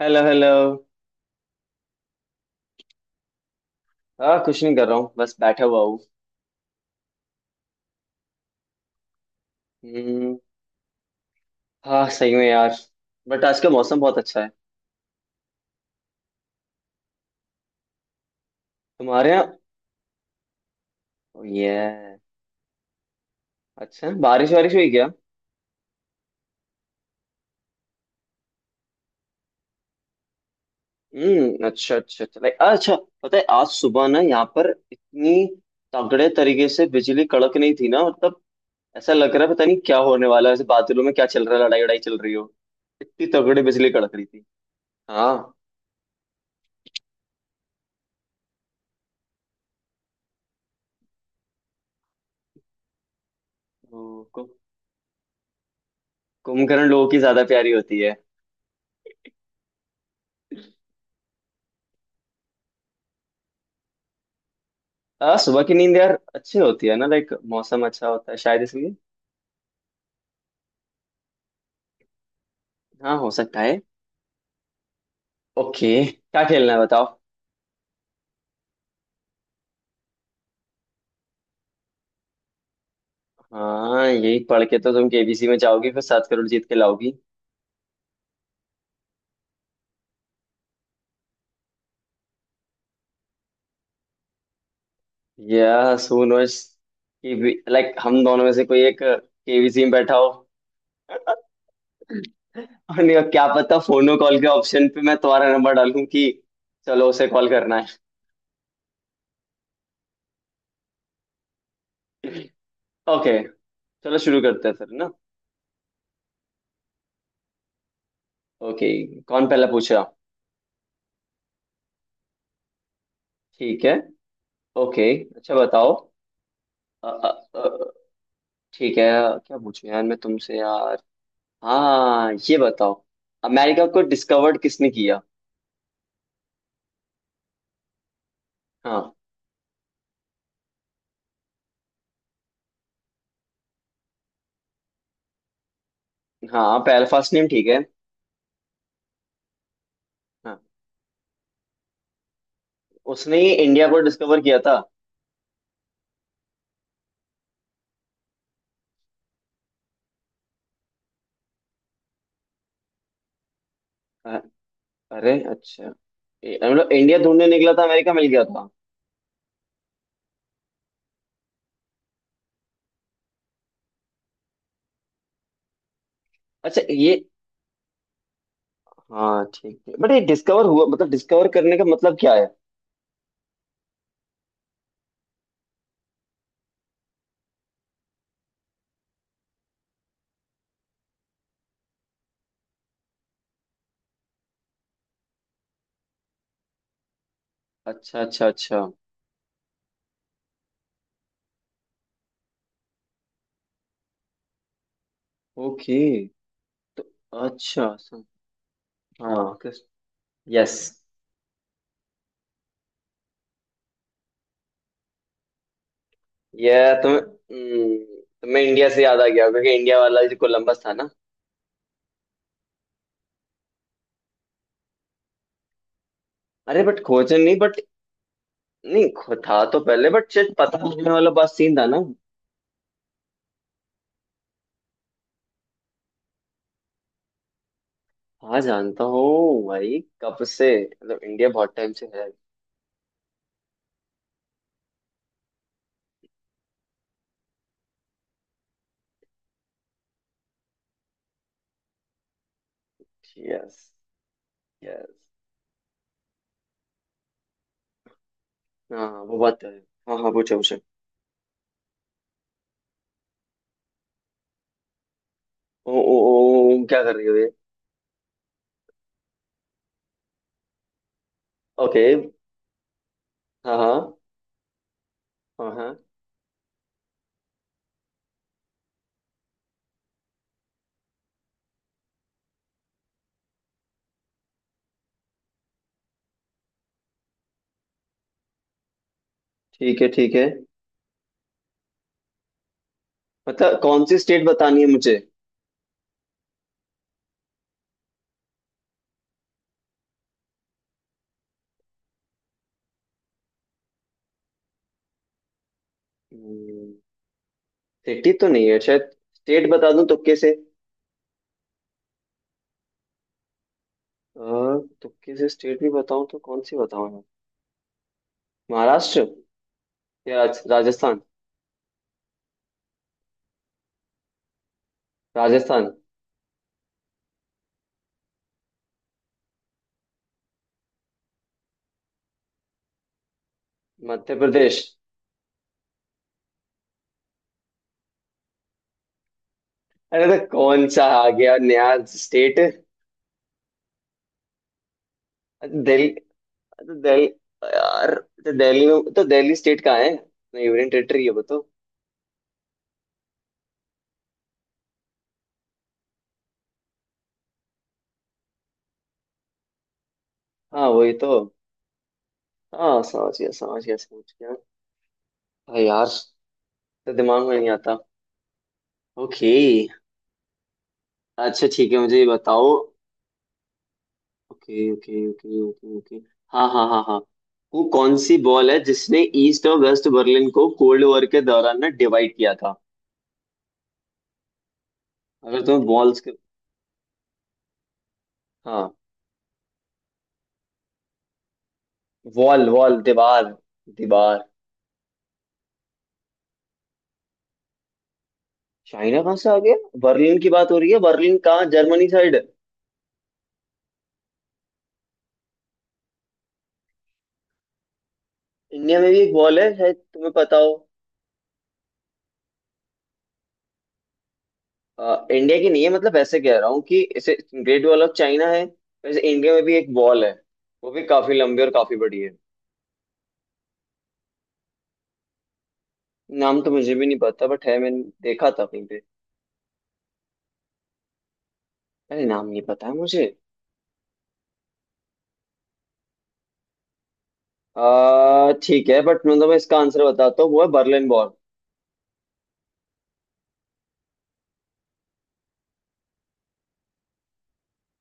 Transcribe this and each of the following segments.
Hello hello. हाँ, कुछ नहीं कर रहा हूँ, बस बैठा हुआ हूँ। हम्म। हाँ सही में यार। बट आज का मौसम बहुत अच्छा है। तुम्हारे यहाँ? ये, अच्छा बारिश वारिश हुई क्या? हम्म, अच्छा अच्छा अच्छा, लाइक अच्छा। पता है आज सुबह ना यहाँ पर इतनी तगड़े तरीके से बिजली कड़क नहीं थी ना, मतलब ऐसा लग रहा है पता नहीं क्या होने वाला है, ऐसे बादलों में क्या चल रहा है, लड़ाई लड़ाई चल रही हो। इतनी तगड़ी बिजली कड़क रही थी। हाँ। वो कु- कुंभकर्ण लोगों की ज्यादा प्यारी होती। सुबह की नींद यार अच्छी होती है ना, लाइक मौसम अच्छा होता है शायद इसलिए। हाँ हो सकता है। ओके, क्या खेलना है बताओ। हाँ यही पढ़ के तो तुम केबीसी में जाओगी, फिर 7 करोड़ जीत के लाओगी। या सो नोस, कि लाइक हम दोनों में से कोई एक केबीसी में बैठा हो। और नहीं, क्या पता फोनो कॉल के ऑप्शन पे मैं तुम्हारा नंबर डालूं कि चलो उसे कॉल करना है। ओके। चलो शुरू करते हैं फिर ना। ओके। कौन पहला पूछ रहा? ठीक है। ओके। अच्छा बताओ। अ, अ, अ, ठीक है। क्या पूछूं यार मैं तुमसे यार। हाँ ये बताओ, अमेरिका को डिस्कवर्ड किसने किया? हाँ हाँ पहला फर्स्ट नेम ठीक है। हाँ, उसने ही इंडिया को डिस्कवर किया था। अ- अरे अच्छा। मतलब इंडिया ढूंढने निकला था, अमेरिका मिल गया था। अच्छा ये, हाँ ठीक है, बट ये डिस्कवर हुआ मतलब डिस्कवर करने का मतलब क्या है? अच्छा अच्छा अच्छा। ओके। अच्छा सम- हाँ। यस। यह तुम्हें तुम्हें इंडिया से याद आ गया होगा कि इंडिया वाला जो कोलंबस था ना। अरे बट खोजन नहीं, बट नहीं खो- था तो पहले बट शायद पता लगने वाला बात सीन था ना। हाँ जानता हूँ भाई, कब से मतलब इंडिया बहुत टाइम से है। यस। यस। हाँ हाँ, वो बात तो है। हाँ हाँ पूछो पूछो। ओ, ओ, ओ, क्या कर रही हो ये? ओके। हाँ हाँ हाँ हाँ। ठीक है ठीक है। मतलब कौन सी स्टेट बतानी है मुझे? सिटी तो नहीं है शायद, स्टेट बता दूं तुक्के से। अ, तुक्के से स्टेट भी बताऊं तो कौन सी बताऊं यार। महाराष्ट्र या राजस्थान। राजस्थान। मध्य प्रदेश। अरे तो कौन सा आ गया नया स्टेट? दिल्ली? तो दिल्ली यार, तो दिल्ली में तो दिल्ली स्टेट कहाँ है अपना, यूनियन टेरिटरी है बताओ। हाँ वही तो। हाँ समझ गया समझ गया समझ गया। भाई यार, तो दिमाग में नहीं आता। ओके। अच्छा ठीक है, मुझे ये बताओ। Okay okay okay okay okay. हाँ हाँ हाँ हाँ। वो कौन सी बॉल है जिसने ईस्ट और वेस्ट बर्लिन को कोल्ड वॉर के दौरान ना डिवाइड किया था? अगर तुम्हें बॉल्स के, हाँ। वॉल वॉल दीवार। दीवार। चाइना कहाँ से आ गया? बर्लिन की बात हो रही है, बर्लिन कहाँ? Germany side. इंडिया में भी एक बॉल है, शायद तुम्हें पता हो। इंडिया की नहीं है, मतलब ऐसे कह रहा हूँ कि इसे, ग्रेट वॉल ऑफ चाइना है, वैसे इंडिया में भी एक बॉल है। वो भी काफी लंबी और काफी बड़ी है। नाम तो मुझे भी नहीं पता बट है, मैंने देखा था कहीं। अरे नाम नहीं पता है मुझे। आ ठीक है, बट मतलब मैं तुम्हें इसका आंसर बताता हूँ, वो है बर्लिन वॉल।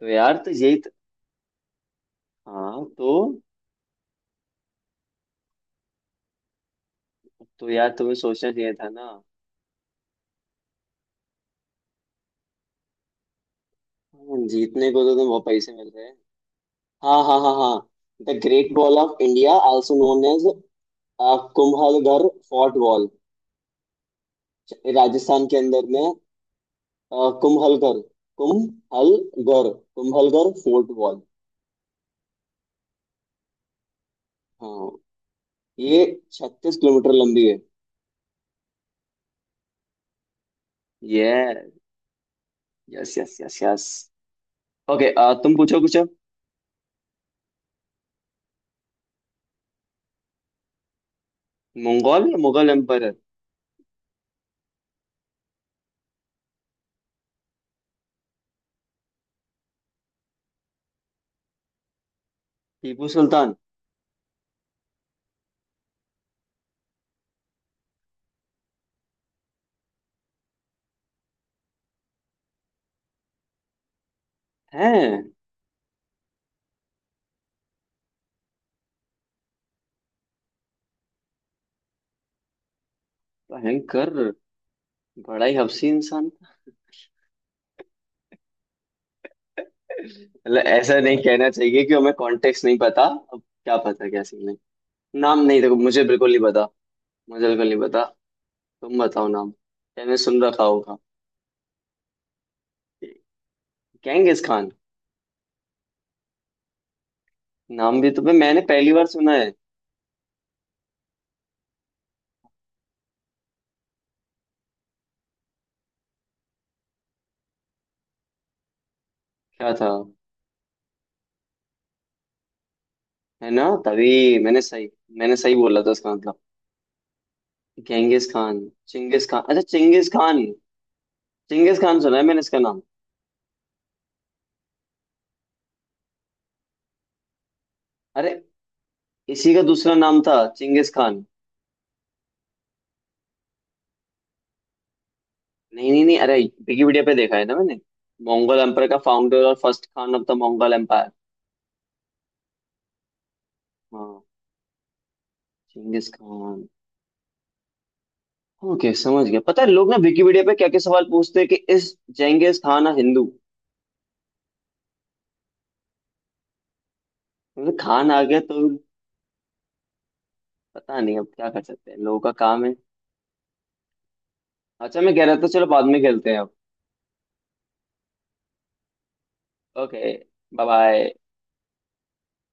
तो यार तो यही त- हाँ तो यार तुम्हें सोचना चाहिए था ना। हाँ, जीतने को तो तुम्हें बहुत पैसे मिल रहे हैं। हाँ हाँ हाँ हाँ। The great wall of India also known as Kumbhalgarh fort wall, Rajasthan के अंदर में। Kumbhalgarh, Kumbhalgarh fort wall. हाँ, ये 36 किलोमीटर लंबी है। Yes. Yes yes yes yes. Okay, तुम पूछो कुछ अब। मंगोल या मुगल एम्पायर? टीपू सुल्तान। है। भयंकर। बड़ा ही हफसी इंसान था। मतलब ऐसा नहीं कहना चाहिए, कि हमें कॉन्टेक्स्ट नहीं पता, अब क्या पता क्या सीन है। नाम नहीं, देखो मुझे बिल्कुल नहीं पता। मुझे बिल्कुल नहीं पता, तुम बताओ नाम, मैंने सुन रखा होगा। Genghis Khan? नाम भी तुम्हें मैंने पहली बार सुना है। क्या था? है ना, तभी मैंने सही, मैंने सही बोला था इसका मतलब। Genghis Khan, Chingis Khan. अच्छा चिंगिस खान। चिंगिस खान सुना है मैंने इसका नाम। अरे, इसी का दूसरा नाम था चिंगिस खान। नहीं नहीं नहीं, अरे विकिपीडिया पे देखा है ना मैंने। मंगोल एम्पायर का फाउंडर और first Khan of the Mongol empire. हाँ, चिंगिस खान। ओके समझ गया। पता है लोग ना विकिपीडिया पे क्या क्या सवाल पूछते हैं, कि इस जेंगिस खान ना हिंदू, मतलब खान आ गया तो, पता नहीं अब क्या कर सकते हैं, लोगों का काम है। अच्छा मैं कह रहा था चलो बाद में खेलते हैं अब। ओके। Bye bye.